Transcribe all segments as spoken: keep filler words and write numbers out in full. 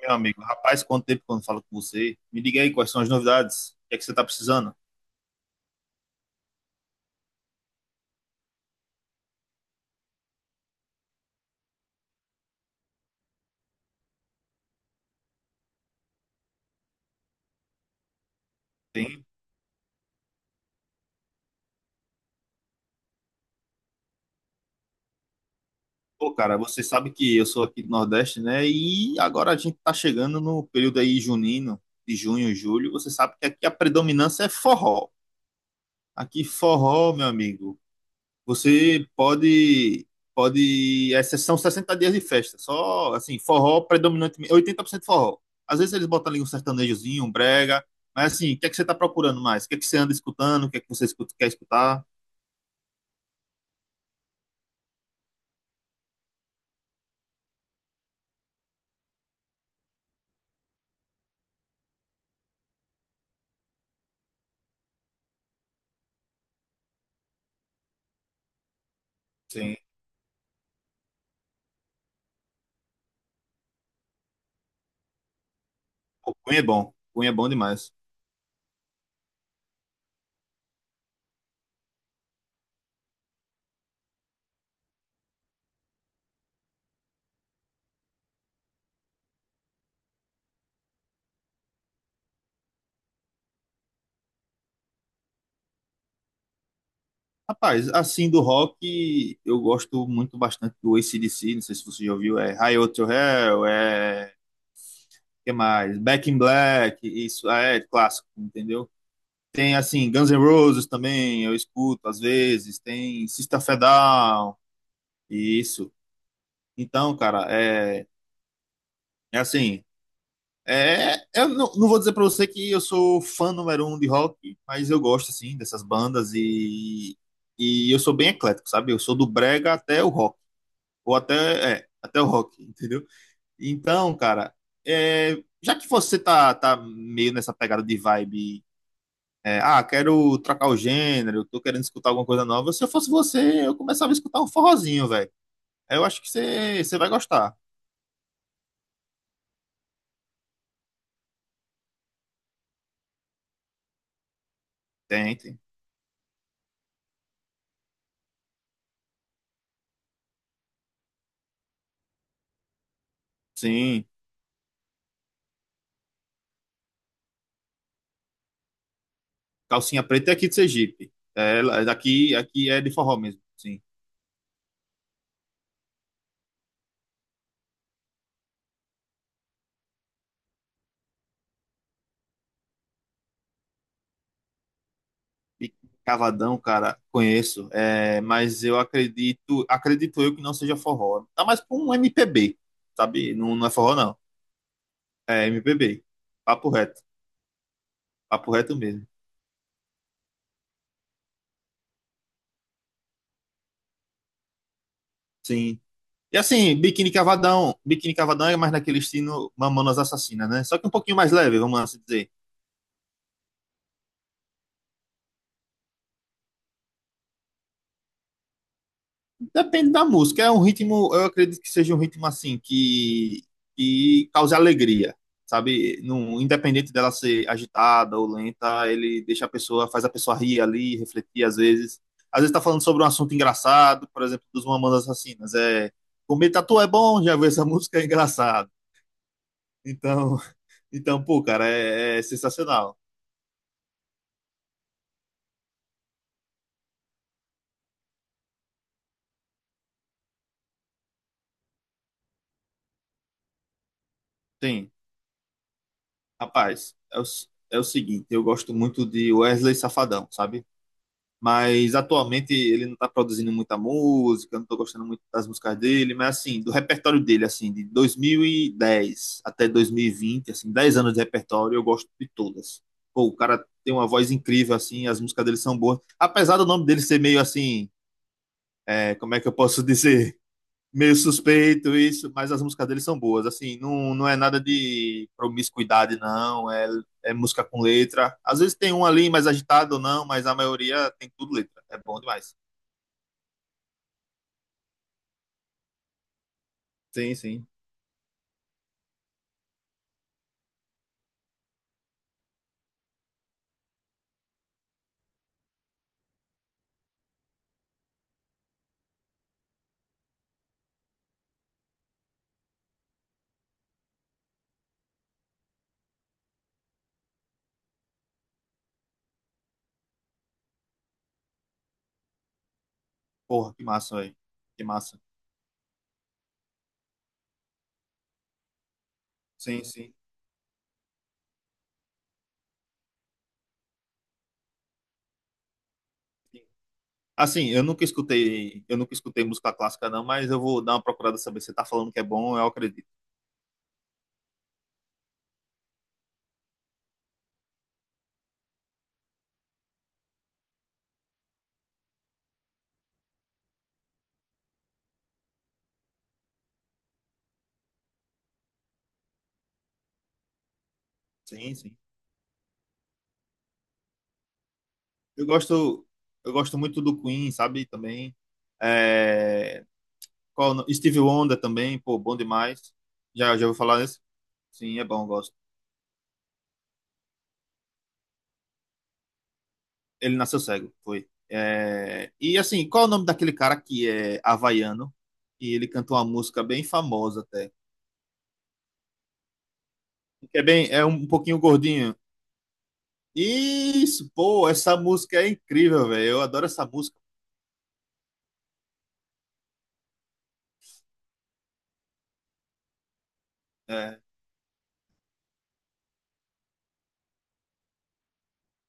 Meu amigo, rapaz, quanto tempo que eu não falo com você? Me diga aí quais são as novidades, o que é que você tá precisando? Tem? Pô, cara, você sabe que eu sou aqui do Nordeste, né? E agora a gente tá chegando no período aí junino, de junho, julho. Você sabe que aqui a predominância é forró. Aqui forró, meu amigo. Você pode, pode, é, são sessenta dias de festa, só assim, forró predominantemente, oitenta por cento forró. Às vezes eles botam ali um sertanejozinho, um brega, mas assim, o que é que você está procurando mais? O que é que você anda escutando? O que é que você escuta- quer escutar? Sim. Pô, Cunha é bom, Cunha é bom demais. Rapaz, assim, do rock, eu gosto muito bastante do A C/D C, não sei se você já ouviu, é Highway to Hell, é, que mais? Back in Black, isso é clássico, entendeu? Tem, assim, Guns N' Roses também, eu escuto às vezes. Tem System of a Down, isso. Então, cara, é, é assim. É, eu não, não vou dizer pra você que eu sou fã número um de rock, mas eu gosto, assim, dessas bandas e, e eu sou bem eclético, sabe? Eu sou do brega até o rock, ou até, é, até o rock, entendeu? Então, cara, é, já que você tá, tá meio nessa pegada de vibe é, ah, quero trocar o gênero, tô querendo escutar alguma coisa nova. Se eu fosse você, eu começava a escutar um forrozinho, velho. Eu acho que você você vai gostar. Tem, tem. Sim. Calcinha Preta é aqui de Sergipe. É, ela- é daqui, aqui é de forró mesmo, sim. E Cavadão, cara, conheço. É, mas eu acredito, acredito eu que não seja forró. Tá mais pra um M P B, sabe? Não, não é forró, não. É M P B. Papo reto. Papo reto mesmo. Sim. E assim, Biquíni Cavadão, Biquíni Cavadão é mais naquele estilo Mamonas Assassinas, né? Só que um pouquinho mais leve, vamos assim dizer. Depende da música, é um ritmo, eu acredito que seja um ritmo assim, que, que cause alegria, sabe? Não, independente dela ser agitada ou lenta, ele deixa a pessoa, faz a pessoa rir ali, refletir às vezes. Às vezes tá falando sobre um assunto engraçado, por exemplo, dos Mamonas Assassinas, é comer tatu é bom, já viu essa música, é engraçado. Então, então pô, cara, é, é sensacional. Tem. Rapaz, é o, s- é o seguinte, eu gosto muito de Wesley Safadão, sabe? Mas atualmente ele não tá produzindo muita música, eu não tô gostando muito das músicas dele, mas assim, do repertório dele, assim, de dois mil e dez até dois mil e vinte assim, dez anos de repertório, eu gosto de todas. Pô, o cara tem uma voz incrível, assim, as músicas dele são boas. Apesar do nome dele ser meio assim, é, como é que eu posso dizer? meio suspeito isso, mas as músicas dele são boas. Assim, não, não é nada de promiscuidade, não. É, é música com letra. Às vezes tem um ali mais agitado ou não, mas a maioria tem tudo letra. É bom demais. Sim, sim. Porra, que massa, velho. Que massa. Sim, sim. Assim, eu nunca escutei, eu nunca escutei música clássica, não, mas eu vou dar uma procurada saber. Você tá falando que é bom, eu acredito. Sim, sim. Eu gosto, eu gosto muito do Queen, sabe? Também. É, Qual, o no- Steve Wonder também, pô, bom demais. Já, já vou falar nesse? Sim, é bom, gosto. Ele nasceu cego, foi. É, E assim, qual é o nome daquele cara que é havaiano? E ele cantou uma música bem famosa até. Que é bem, é um um pouquinho gordinho. Isso, pô, essa música é incrível, velho. Eu adoro essa música. É,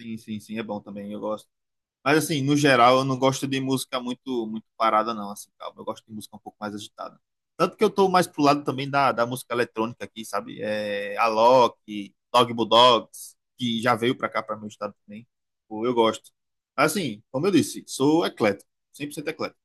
sim, sim, sim, é bom também, eu gosto. Mas assim, no geral, eu não gosto de música muito muito parada, não, assim, calma. Eu gosto de música um pouco mais agitada. Tanto que eu tô mais pro lado também da, da música eletrônica aqui, sabe? É, Alok, Dog Bulldogs, que já veio pra cá, pra meu estado também. Pô, eu gosto. Assim, como eu disse, sou eclético, cem por cento eclético.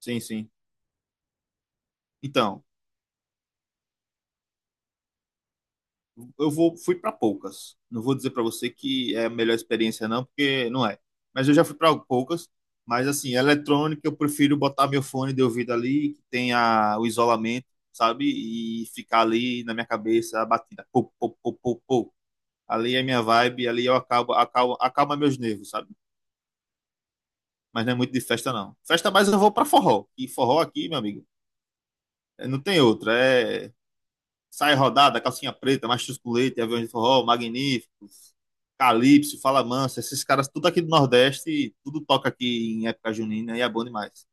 Sim, sim. Então, eu vou, fui para poucas. Não vou dizer para você que é a melhor experiência, não, porque não é. Mas eu já fui para poucas. Mas, assim, eletrônica, eu prefiro botar meu fone de ouvido ali, que tenha o isolamento, sabe? E ficar ali na minha cabeça a batida. Pô, pô, pô, pô, pô. Ali é minha vibe, ali eu acabo, acalma, acalma meus nervos, sabe? Mas não é muito de festa, não. Festa mais eu vou para forró. E forró aqui, meu amigo, é- não tem outra. É Sai Rodada, Calcinha Preta, Machos com Leite, Aviões de Forró, Magníficos, Calypso, Fala Mansa, esses caras tudo aqui do Nordeste, tudo toca aqui em época junina e é bom demais.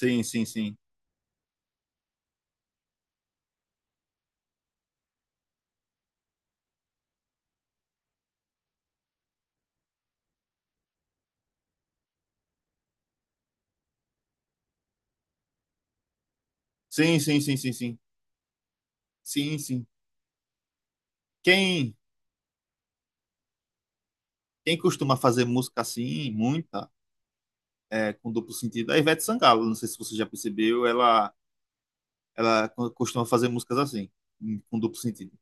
Sim, sim, sim. Sim, sim, sim, sim, sim. Sim, sim. Quem, quem costuma fazer música assim, muita, é, com duplo sentido, é a Ivete Sangalo. Não sei se você já percebeu, ela, ela co- costuma fazer músicas assim, em- com duplo sentido.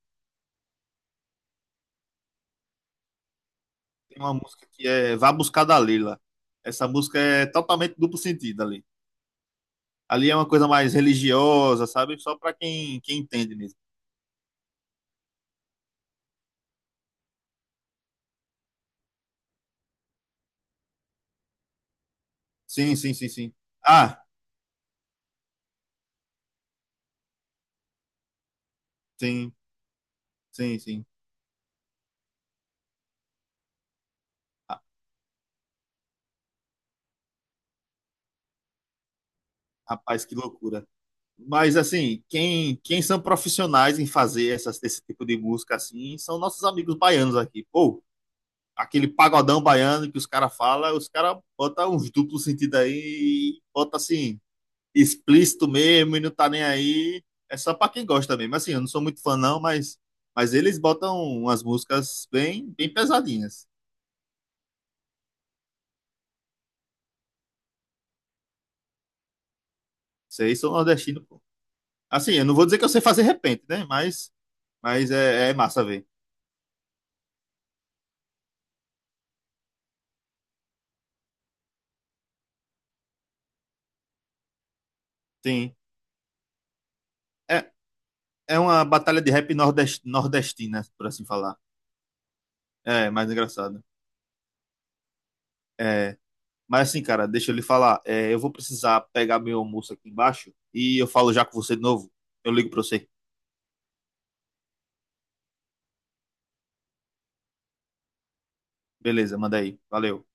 Tem uma música que é Vá Buscar da Leila. Essa música é totalmente duplo sentido ali. Ali é uma coisa mais religiosa, sabe? Só para quem, quem entende mesmo. Sim, sim, sim, sim. Ah, sim, sim, sim. Ah, Rapaz, que loucura. Mas assim, quem, quem são profissionais em fazer essas- esse tipo de música assim são nossos amigos baianos aqui. Pô, aquele pagodão baiano que os caras falam, os caras botam uns duplos sentido aí, e bota assim. explícito mesmo e não tá nem aí. É só pra quem gosta mesmo. Assim, eu não sou muito fã, não, mas, mas eles botam umas músicas bem, bem pesadinhas. Vocês sou nordestino, pô. Assim, eu não vou dizer que eu sei fazer repente, né? Mas, mas é, é massa ver. Sim. É, é uma batalha de rap nordest, nordestina, por assim falar. É, mais engraçado. É, mas assim, cara, deixa eu lhe falar. É, eu vou precisar pegar meu almoço aqui embaixo e eu falo já com você de novo. Eu ligo pra você. Beleza, manda aí. Valeu.